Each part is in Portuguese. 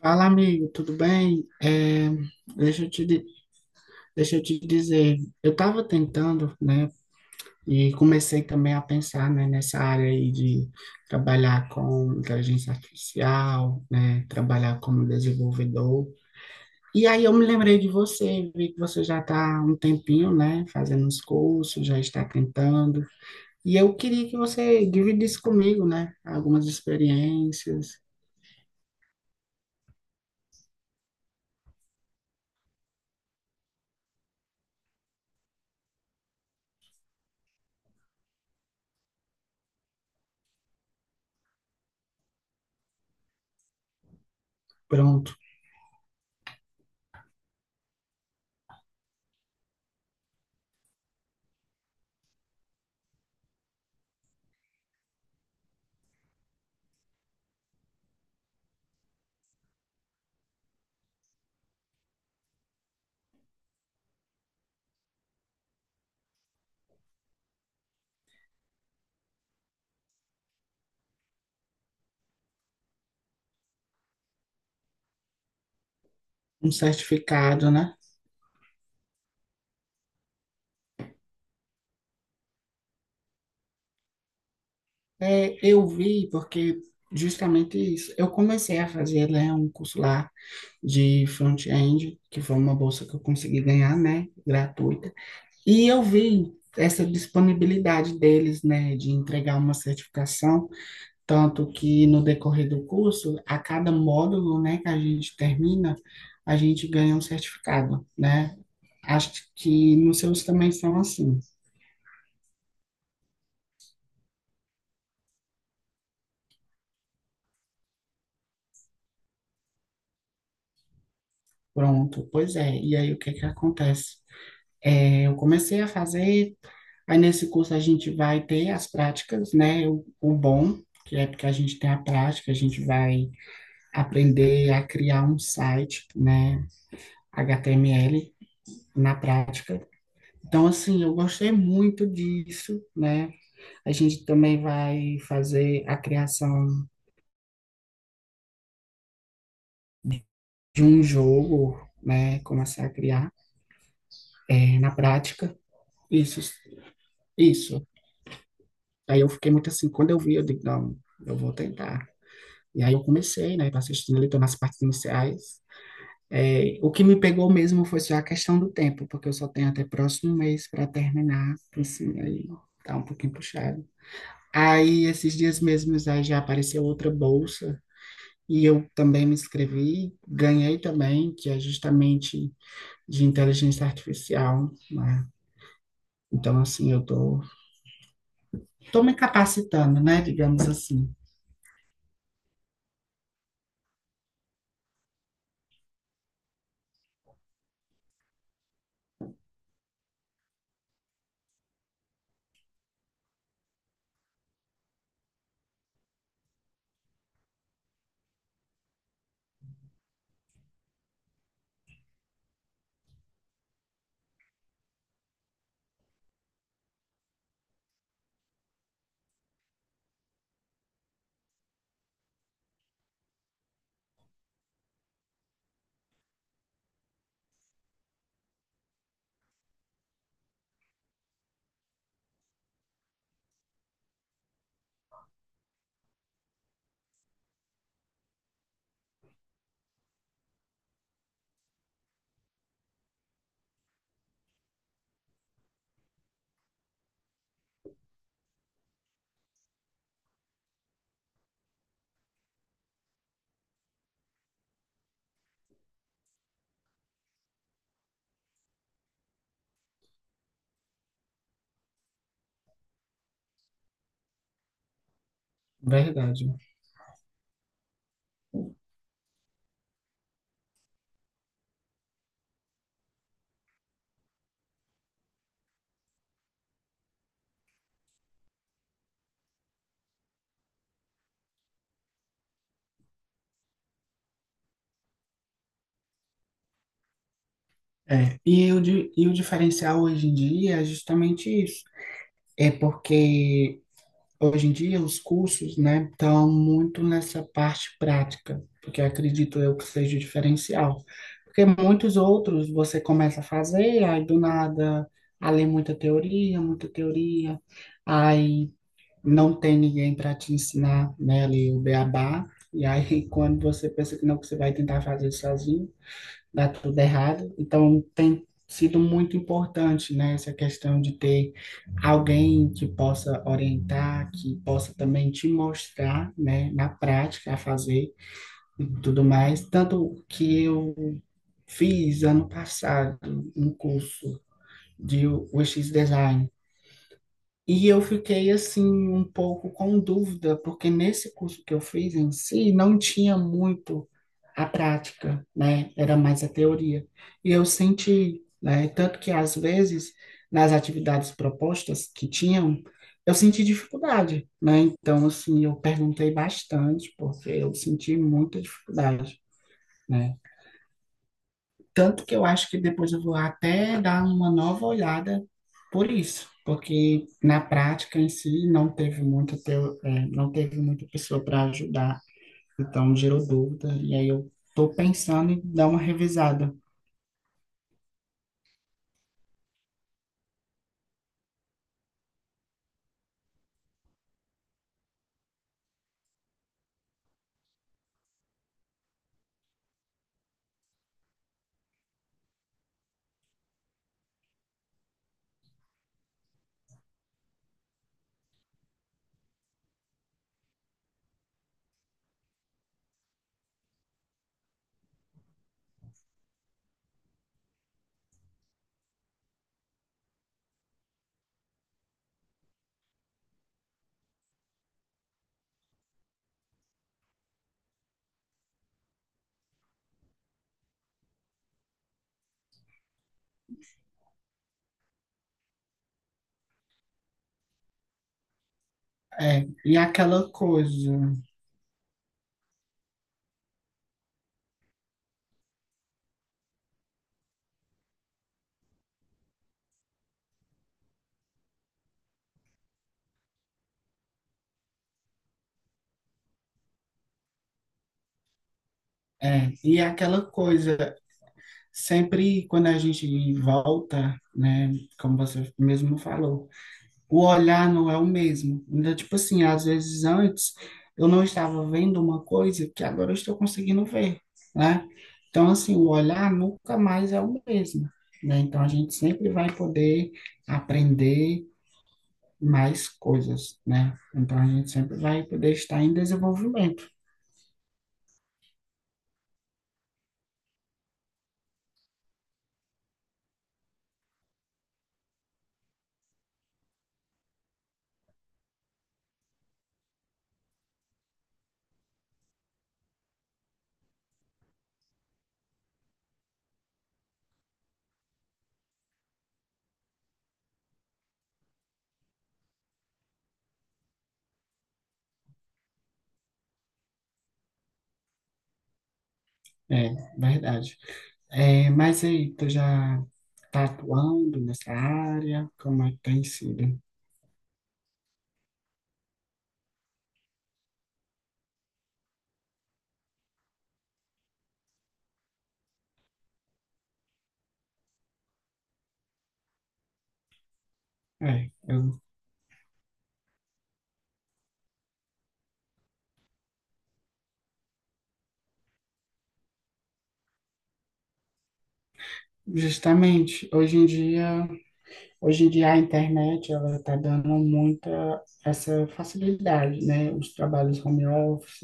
Fala, amigo, tudo bem? Deixa eu te, di- Deixa eu te dizer, eu estava tentando, né, e comecei também a pensar, né, nessa área aí de trabalhar com inteligência artificial, né, trabalhar como desenvolvedor. E aí eu me lembrei de você, vi que você já está há um tempinho, né, fazendo os cursos, já está tentando. E eu queria que você dividisse comigo, né, algumas experiências. Pronto, um certificado, né? É, eu vi, porque justamente isso. Eu comecei a fazer, né, um curso lá de front-end, que foi uma bolsa que eu consegui ganhar, né, gratuita. E eu vi essa disponibilidade deles, né, de entregar uma certificação, tanto que no decorrer do curso, a cada módulo, né, que a gente termina, a gente ganha um certificado, né? Acho que nos seus também são assim. Pronto, pois é. E aí, o que que acontece? É, eu comecei a fazer Aí, nesse curso, a gente vai ter as práticas, né? O bom, que é porque a gente tem a prática, a gente vai aprender a criar um site, né? HTML na prática. Então, assim, eu gostei muito disso, né? A gente também vai fazer a criação de um jogo, né? Começar a criar na prática. Isso, isso. Aí eu fiquei muito assim, quando eu vi, eu digo: não, eu vou tentar. E aí eu comecei, né? Tô assistindo ali, tô nas partes iniciais. É, o que me pegou mesmo foi só a questão do tempo, porque eu só tenho até próximo mês para terminar, assim, aí tá um pouquinho puxado. Aí, esses dias mesmos, aí já apareceu outra bolsa, e eu também me inscrevi, ganhei também, que é justamente de inteligência artificial, né? Então, assim, eu tô me capacitando, né, digamos assim. Verdade. É, e o diferencial hoje em dia é justamente isso. É porque hoje em dia, os cursos, né, estão muito nessa parte prática, porque acredito eu que seja o diferencial. Porque muitos outros você começa a fazer, aí do nada, a ler muita teoria, aí não tem ninguém para te ensinar, né, ali o beabá, e aí quando você pensa que não, que você vai tentar fazer sozinho, dá tudo errado. Então, tem sido muito importante, né, essa questão de ter alguém que possa orientar, que possa também te mostrar, né, na prática, a fazer e tudo mais. Tanto que eu fiz ano passado um curso de UX Design. E eu fiquei assim um pouco com dúvida, porque nesse curso que eu fiz em si não tinha muito a prática, né? Era mais a teoria. E eu senti, né? Tanto que, às vezes, nas atividades propostas que tinham, eu senti dificuldade, né? Então, assim, eu perguntei bastante, porque eu senti muita dificuldade, né? Tanto que eu acho que depois eu vou até dar uma nova olhada por isso, porque na prática em si não teve muita, teo- é, não teve muita pessoa para ajudar, então gerou dúvida, e aí eu estou pensando em dar uma revisada. É, e aquela coisa, é, e aquela coisa, sempre quando a gente volta, né, como você mesmo falou, o olhar não é o mesmo. Então, tipo assim, às vezes antes eu não estava vendo uma coisa que agora eu estou conseguindo ver, né? Então, assim, o olhar nunca mais é o mesmo, né? Então, a gente sempre vai poder aprender mais coisas, né? Então, a gente sempre vai poder estar em desenvolvimento, é verdade. É, mas aí, tu já tá atuando nessa área? Como é que tem sido? É, eu, justamente, hoje em dia Hoje em dia, a internet, ela está dando muita essa facilidade, né? Os trabalhos home office,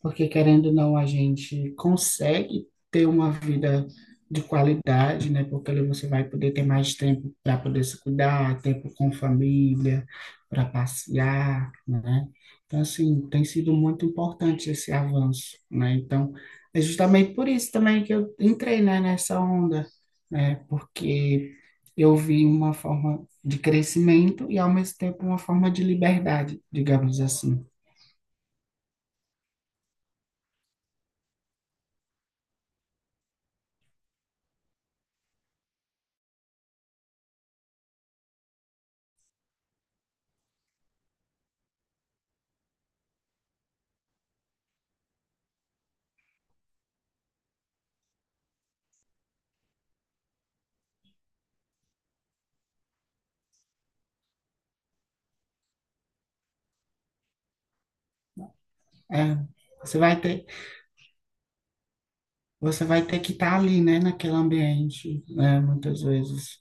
porque querendo ou não, a gente consegue ter uma vida de qualidade, né? Porque ali você vai poder ter mais tempo para poder se cuidar, tempo com família, para passear, né? Então, assim, tem sido muito importante esse avanço, né? Então, é justamente por isso também que eu entrei, né, nessa onda, né? Porque eu vi uma forma de crescimento e, ao mesmo tempo, uma forma de liberdade, digamos assim. É, você vai ter, você vai ter que estar ali, né, naquele ambiente, né, muitas vezes.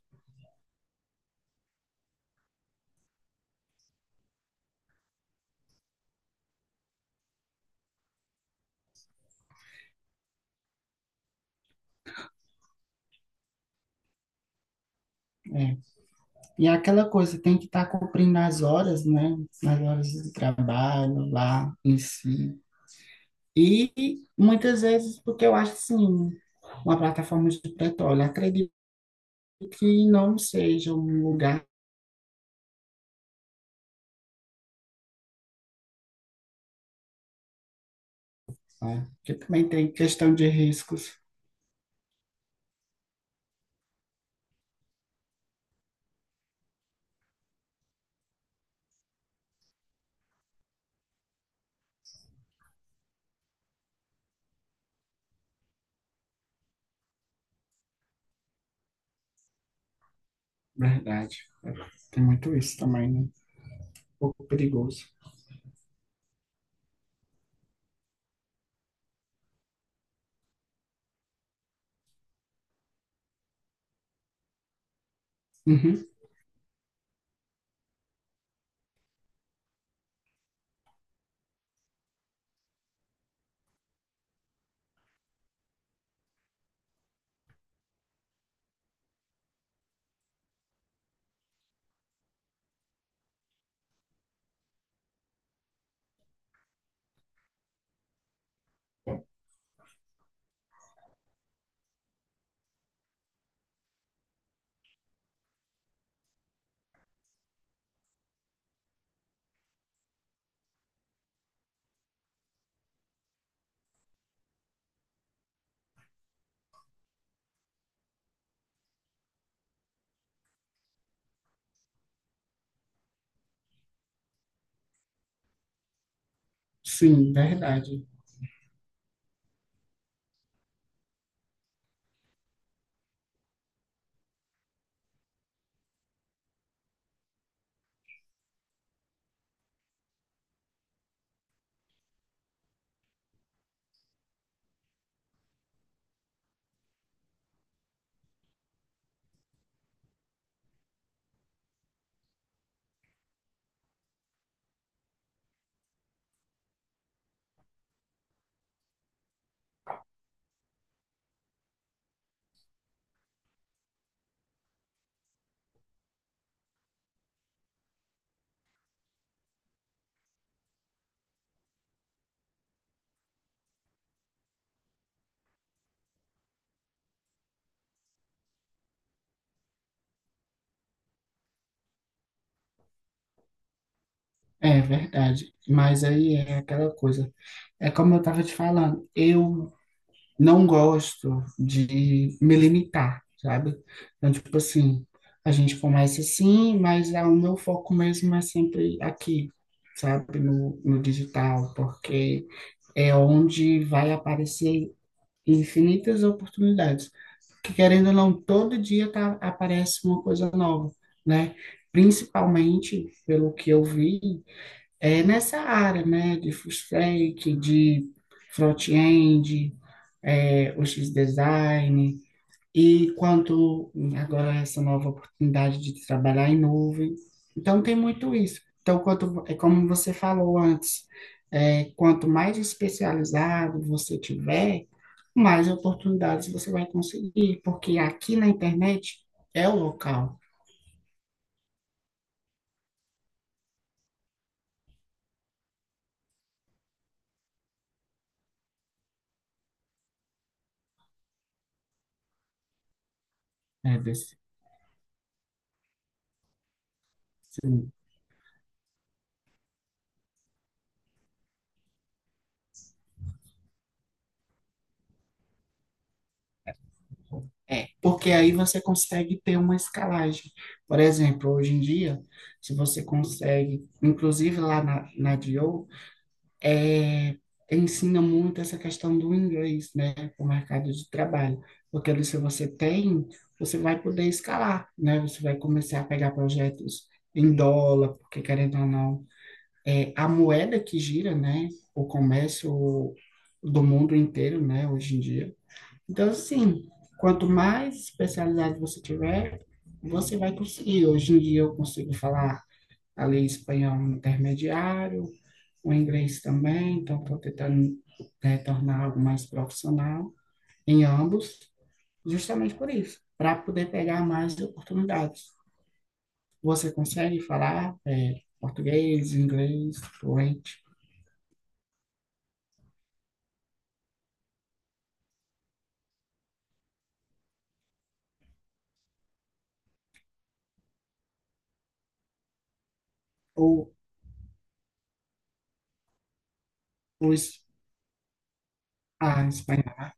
É. E é aquela coisa, tem que estar cumprindo as horas, né, as horas de trabalho lá em si. E muitas vezes, porque eu acho assim, uma plataforma de petróleo, acredito que não seja um lugar, né, que também tem questão de riscos. Verdade. Tem muito isso também, né? Um pouco perigoso. Uhum. Sim, verdade. É verdade. Mas aí é aquela coisa. É como eu estava te falando, eu não gosto de me limitar, sabe? Então, tipo assim, a gente começa assim, mas, ah, o meu foco mesmo é sempre aqui, sabe? No digital, porque é onde vai aparecer infinitas oportunidades. Que querendo ou não, todo dia tá, aparece uma coisa nova, né? Principalmente, pelo que eu vi, é nessa área, né? De full stack, de front-end, UX design, e quanto agora essa nova oportunidade de trabalhar em nuvem. Então, tem muito isso. Então, quanto, é como você falou antes, quanto mais especializado você tiver, mais oportunidades você vai conseguir, porque aqui na internet é o local, né, desse, sim, porque aí você consegue ter uma escalagem. Por exemplo, hoje em dia, se você consegue, inclusive lá na DIO, ensina muito essa questão do inglês, né, para o mercado de trabalho, porque ali se você tem, você vai poder escalar, né, você vai começar a pegar projetos em dólar, porque querendo ou não, a moeda que gira, né, o comércio do mundo inteiro, né, hoje em dia. Então, assim, quanto mais especializado você tiver, você vai conseguir. Hoje em dia eu consigo falar ali espanhol intermediário, o inglês também, então estou tentando, né, tornar algo mais profissional em ambos, justamente por isso, para poder pegar mais oportunidades. Você consegue falar português, inglês, fluente. Ou os Ah, espanhol.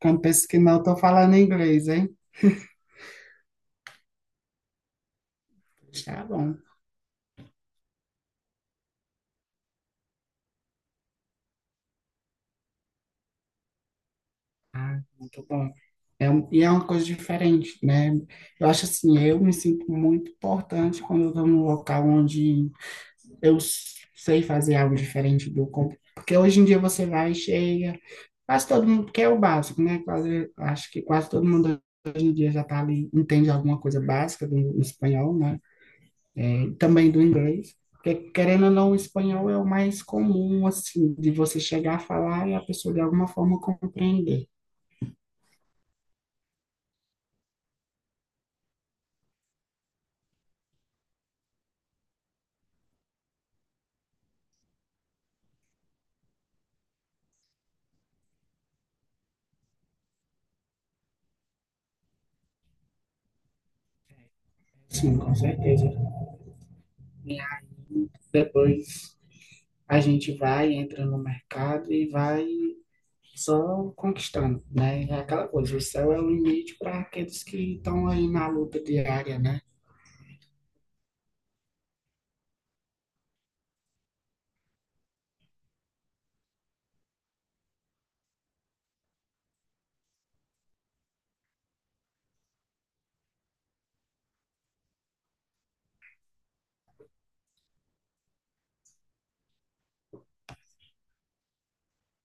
Quando penso que não, estou falando inglês, hein? Tá bom. Ah, muito bom. É, e é uma coisa diferente, né? Eu acho assim, eu me sinto muito importante quando eu estou num local onde eu sei fazer algo diferente do. Porque hoje em dia você vai e chega. Quase todo mundo, porque é o básico, né? Quase, acho que quase todo mundo hoje em dia já tá ali, entende alguma coisa básica do espanhol, né? É, também do inglês. Porque, querendo ou não, o espanhol é o mais comum, assim, de você chegar a falar e a pessoa de alguma forma compreender. Sim, com certeza. E aí, depois a gente vai, entra no mercado e vai só conquistando, né? É aquela coisa, o céu é o limite para aqueles que estão aí na luta diária, né?